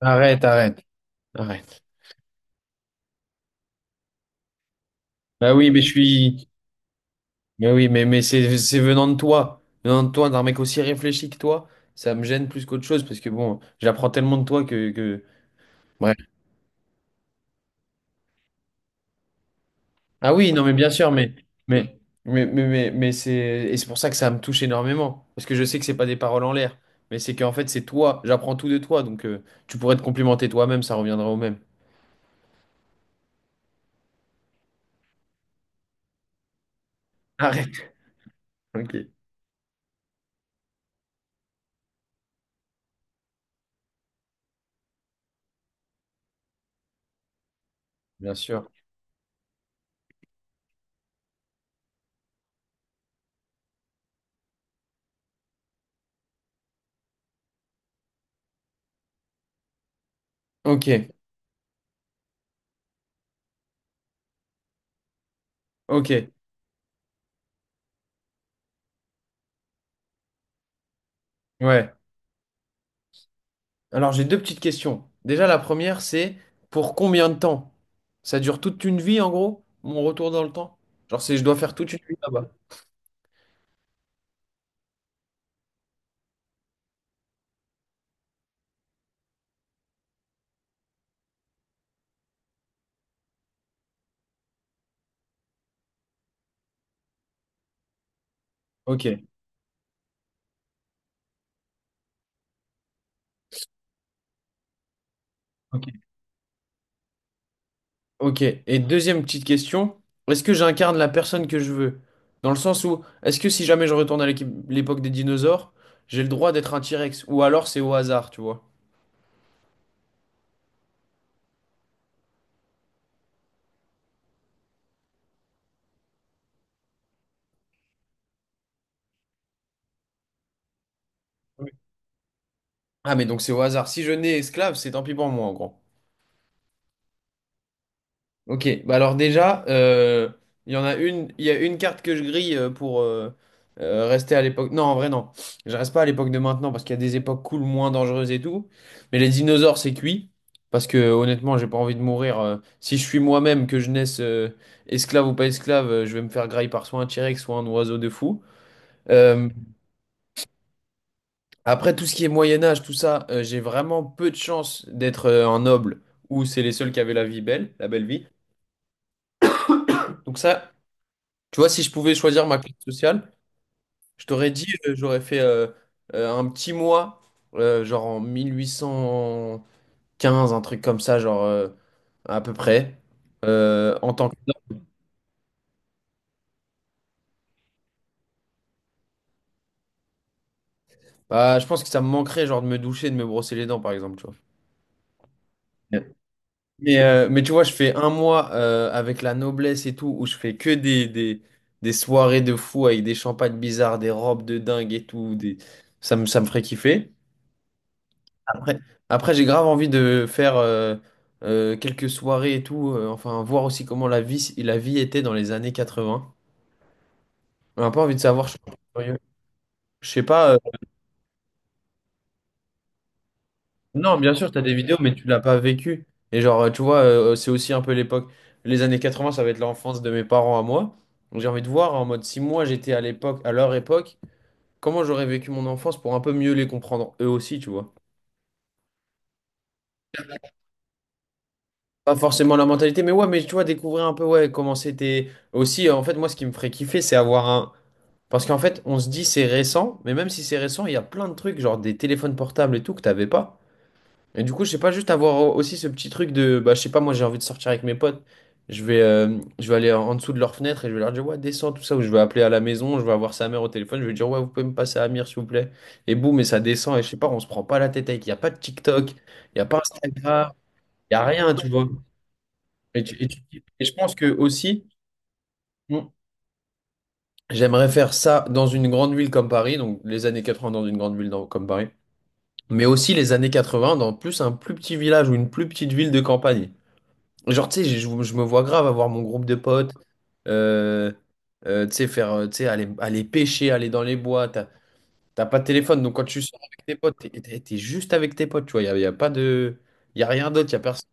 Arrête, arrête, arrête. Bah oui, mais je suis. Mais oui, mais c'est venant de toi. Venant de toi, d'un mec aussi réfléchi que toi, ça me gêne plus qu'autre chose parce que bon, j'apprends tellement de toi que... Bref. Ah oui, non, mais bien sûr, mais, mais c'est. Et c'est pour ça que ça me touche énormément. Parce que je sais que c'est pas des paroles en l'air. Mais c'est qu'en fait, c'est toi. J'apprends tout de toi. Donc tu pourrais te complimenter toi-même, ça reviendra au même. Arrête. Ok. Bien sûr. Ok. Ok. Ouais. Alors, j'ai deux petites questions. Déjà, la première, c'est pour combien de temps? Ça dure toute une vie, en gros, mon retour dans le temps? Genre, c'est je dois faire toute une vie là-bas. Ok, ok, ok. Et deuxième petite question, est-ce que j'incarne la personne que je veux? Dans le sens où, est-ce que si jamais je retourne l'époque des dinosaures, j'ai le droit d'être un T-Rex? Ou alors c'est au hasard, tu vois? Oui. Ah, mais donc c'est au hasard. Si je nais esclave, c'est tant pis pour moi, en gros. Ok, bah alors déjà, il y a une carte que je grille pour rester à l'époque. Non, en vrai, non. Je reste pas à l'époque de maintenant parce qu'il y a des époques cool, moins dangereuses et tout. Mais les dinosaures, c'est cuit. Parce que honnêtement, j'ai pas envie de mourir. Si je suis moi-même, que je naisse esclave ou pas esclave, je vais me faire grailler par soit un T-Rex, soit un oiseau de fou. Euh, après, tout ce qui est Moyen-Âge, tout ça, j'ai vraiment peu de chance d'être un noble où c'est les seuls qui avaient la vie belle, la belle vie. Donc ça. Tu vois, si je pouvais choisir ma classe sociale, je t'aurais dit, j'aurais fait un petit mois, genre en 1815, un truc comme ça, genre à peu près. En tant que... Bah, je pense que ça me manquerait, genre de me doucher, de me brosser les dents, par exemple, tu vois. Ouais. Mais tu vois, je fais un mois avec la noblesse et tout, où je fais que des soirées de fou avec des champagnes bizarres, des robes de dingue et tout. Des... Ça me ferait kiffer. Après, après, j'ai grave envie de faire quelques soirées et tout, enfin, voir aussi comment la vie, si, la vie était dans les années 80. On n'a pas envie de savoir, je suis un peu curieux. Je sais pas, non, bien sûr, tu as des vidéos, mais tu l'as pas vécu. Et genre, tu vois, c'est aussi un peu l'époque. Les années 80, ça va être l'enfance de mes parents à moi. Donc, j'ai envie de voir en mode si moi j'étais à l'époque, à leur époque, comment j'aurais vécu mon enfance pour un peu mieux les comprendre eux aussi, tu vois. Pas forcément la mentalité, mais ouais, mais tu vois, découvrir un peu, ouais, comment c'était. Aussi, en fait, moi, ce qui me ferait kiffer, c'est avoir un. Parce qu'en fait, on se dit c'est récent, mais même si c'est récent, il y a plein de trucs, genre des téléphones portables et tout, que t'avais pas. Et du coup, je sais pas, juste avoir aussi ce petit truc de, bah, je sais pas, moi, j'ai envie de sortir avec mes potes. Je vais aller en dessous de leur fenêtre et je vais leur dire, ouais, descends, tout ça, ou je vais appeler à la maison, je vais avoir sa mère au téléphone, je vais dire, ouais, vous pouvez me passer à Amir, s'il vous plaît. Et boum, et ça descend, et je sais pas, on se prend pas la tête avec, il y a pas de TikTok, il y a pas Instagram, il y a rien, tu vois. Et, tu- et tu- et je pense que aussi, Mm. J'aimerais faire ça dans une grande ville comme Paris, donc les années 80 dans une grande ville comme Paris, mais aussi les années 80 dans plus un plus petit village ou une plus petite ville de campagne. Genre, tu sais, je me vois grave avoir mon groupe de potes, euh, tu sais, tu sais, aller pêcher, aller dans les bois, t'as pas de téléphone, donc quand tu sors avec tes potes, t'es juste avec tes potes, tu vois, y a pas de... Il a rien d'autre, il n'y a personne.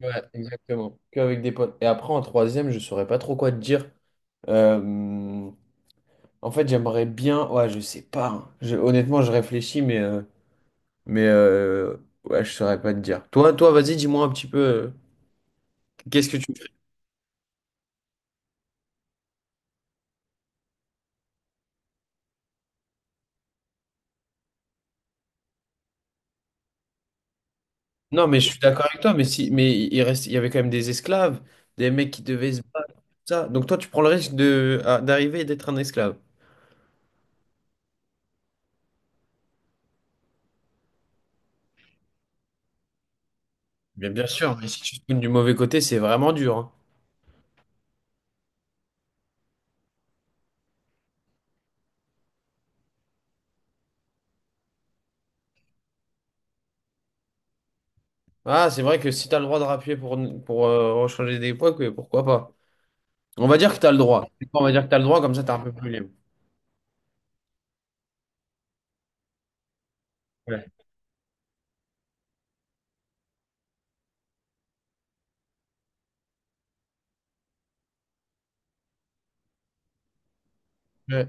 Ouais, exactement. Qu'avec des potes. Et après, en troisième, je saurais pas trop quoi te dire. Euh, en fait, j'aimerais bien. Ouais, je sais pas, hein. Honnêtement, je réfléchis, mais euh, ouais, je saurais pas te dire. Toi, vas-y, dis-moi un petit peu. Qu'est-ce que tu ferais? Non, mais je suis d'accord avec toi, mais si, mais il reste, il y avait quand même des esclaves, des mecs qui devaient se battre, tout ça. Donc toi, tu prends le risque de, d'arriver et d'être un esclave. Bien sûr, mais si tu te tournes du mauvais côté, c'est vraiment dur, hein. Ah, c'est vrai que si t'as le droit de rappuyer pour rechanger des points, pourquoi pas? On va dire que t'as le droit. On va dire que t'as le droit, comme ça t'es un peu plus libre. Ouais. Ouais.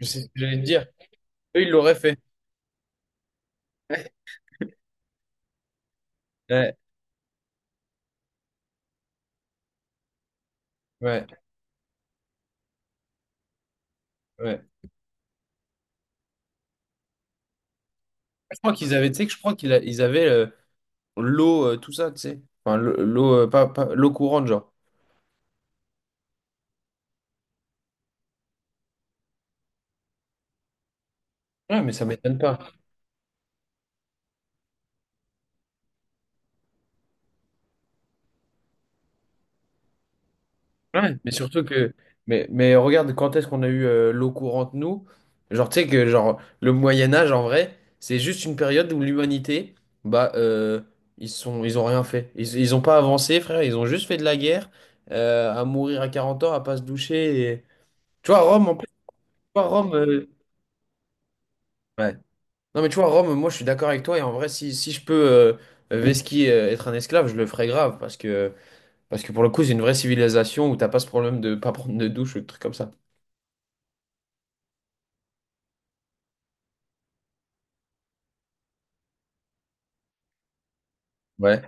Je sais ce que j'allais te dire. Eux, ils l'auraient fait. Ouais, ouais, ouais. Je crois qu'ils avaient, tu sais, que je crois ils avaient l'eau, tout ça, tu sais. Enfin, l'eau, l'eau courante, genre. Ouais, mais ça m'étonne pas. Ouais, mais surtout que, mais regarde, quand est-ce qu'on a eu l'eau courante, nous? Genre, tu sais que genre, le Moyen Âge, en vrai, c'est juste une période où l'humanité, bah, ils ont rien fait. Ils ont pas avancé, frère, ils ont juste fait de la guerre, à mourir à 40 ans, à pas se doucher. Tu vois, Rome, en plus, tu vois, Rome, ouais. Non, mais tu vois, Rome, moi, je suis d'accord avec toi, et en vrai, si je peux vesquy, être un esclave, je le ferais grave, parce que pour le coup, c'est une vraie civilisation où t'as pas ce problème de pas prendre de douche ou de trucs comme ça. Ouais.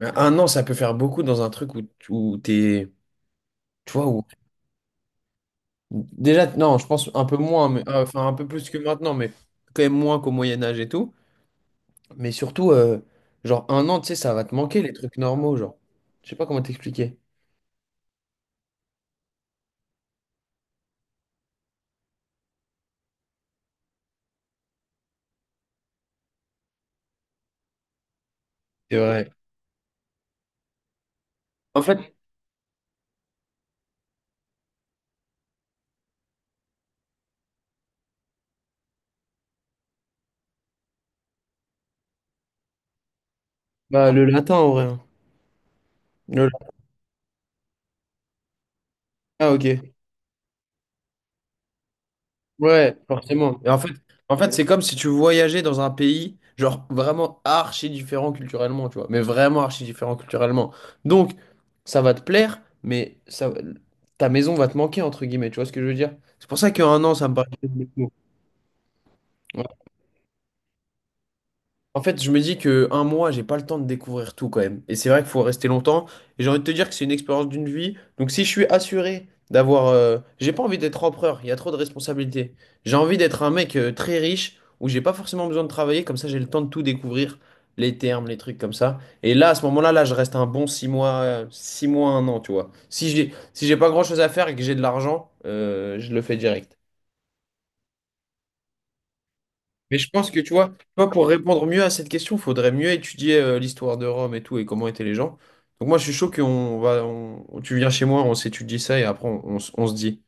Mais un an, ça peut faire beaucoup dans un truc où t'es. Tu vois, où. Déjà, non, je pense un peu moins, mais enfin un peu plus que maintenant, mais quand même moins qu'au Moyen-Âge et tout. Mais surtout, genre un an, tu sais, ça va te manquer les trucs normaux, genre. Je sais pas comment t'expliquer. C'est vrai. En fait, bah, le latin en vrai, hein. Le latin, ah, ok. Ouais, forcément. Et en fait, c'est comme si tu voyageais dans un pays, genre vraiment archi différent culturellement, tu vois, mais vraiment archi différent culturellement. Donc, ça va te plaire, mais ça, ta maison va te manquer, entre guillemets, tu vois ce que je veux dire? C'est pour ça qu'un an, ça me paraît. En fait, je me dis que un mois, j'ai pas le temps de découvrir tout quand même. Et c'est vrai qu'il faut rester longtemps. Et j'ai envie de te dire que c'est une expérience d'une vie. Donc si je suis assuré d'avoir, j'ai pas envie d'être empereur. Il y a trop de responsabilités. J'ai envie d'être un mec très riche où j'ai pas forcément besoin de travailler. Comme ça, j'ai le temps de tout découvrir, les termes, les trucs comme ça. Et là, à ce moment-là, là, je reste un bon 6 mois, un an, tu vois. Si j'ai pas grand-chose à faire et que j'ai de l'argent, je le fais direct. Mais je pense que tu vois, tu pour répondre mieux à cette question, il faudrait mieux étudier l'histoire de Rome et tout et comment étaient les gens. Donc moi, je suis chaud tu viens chez moi, on s'étudie ça et après on se dit.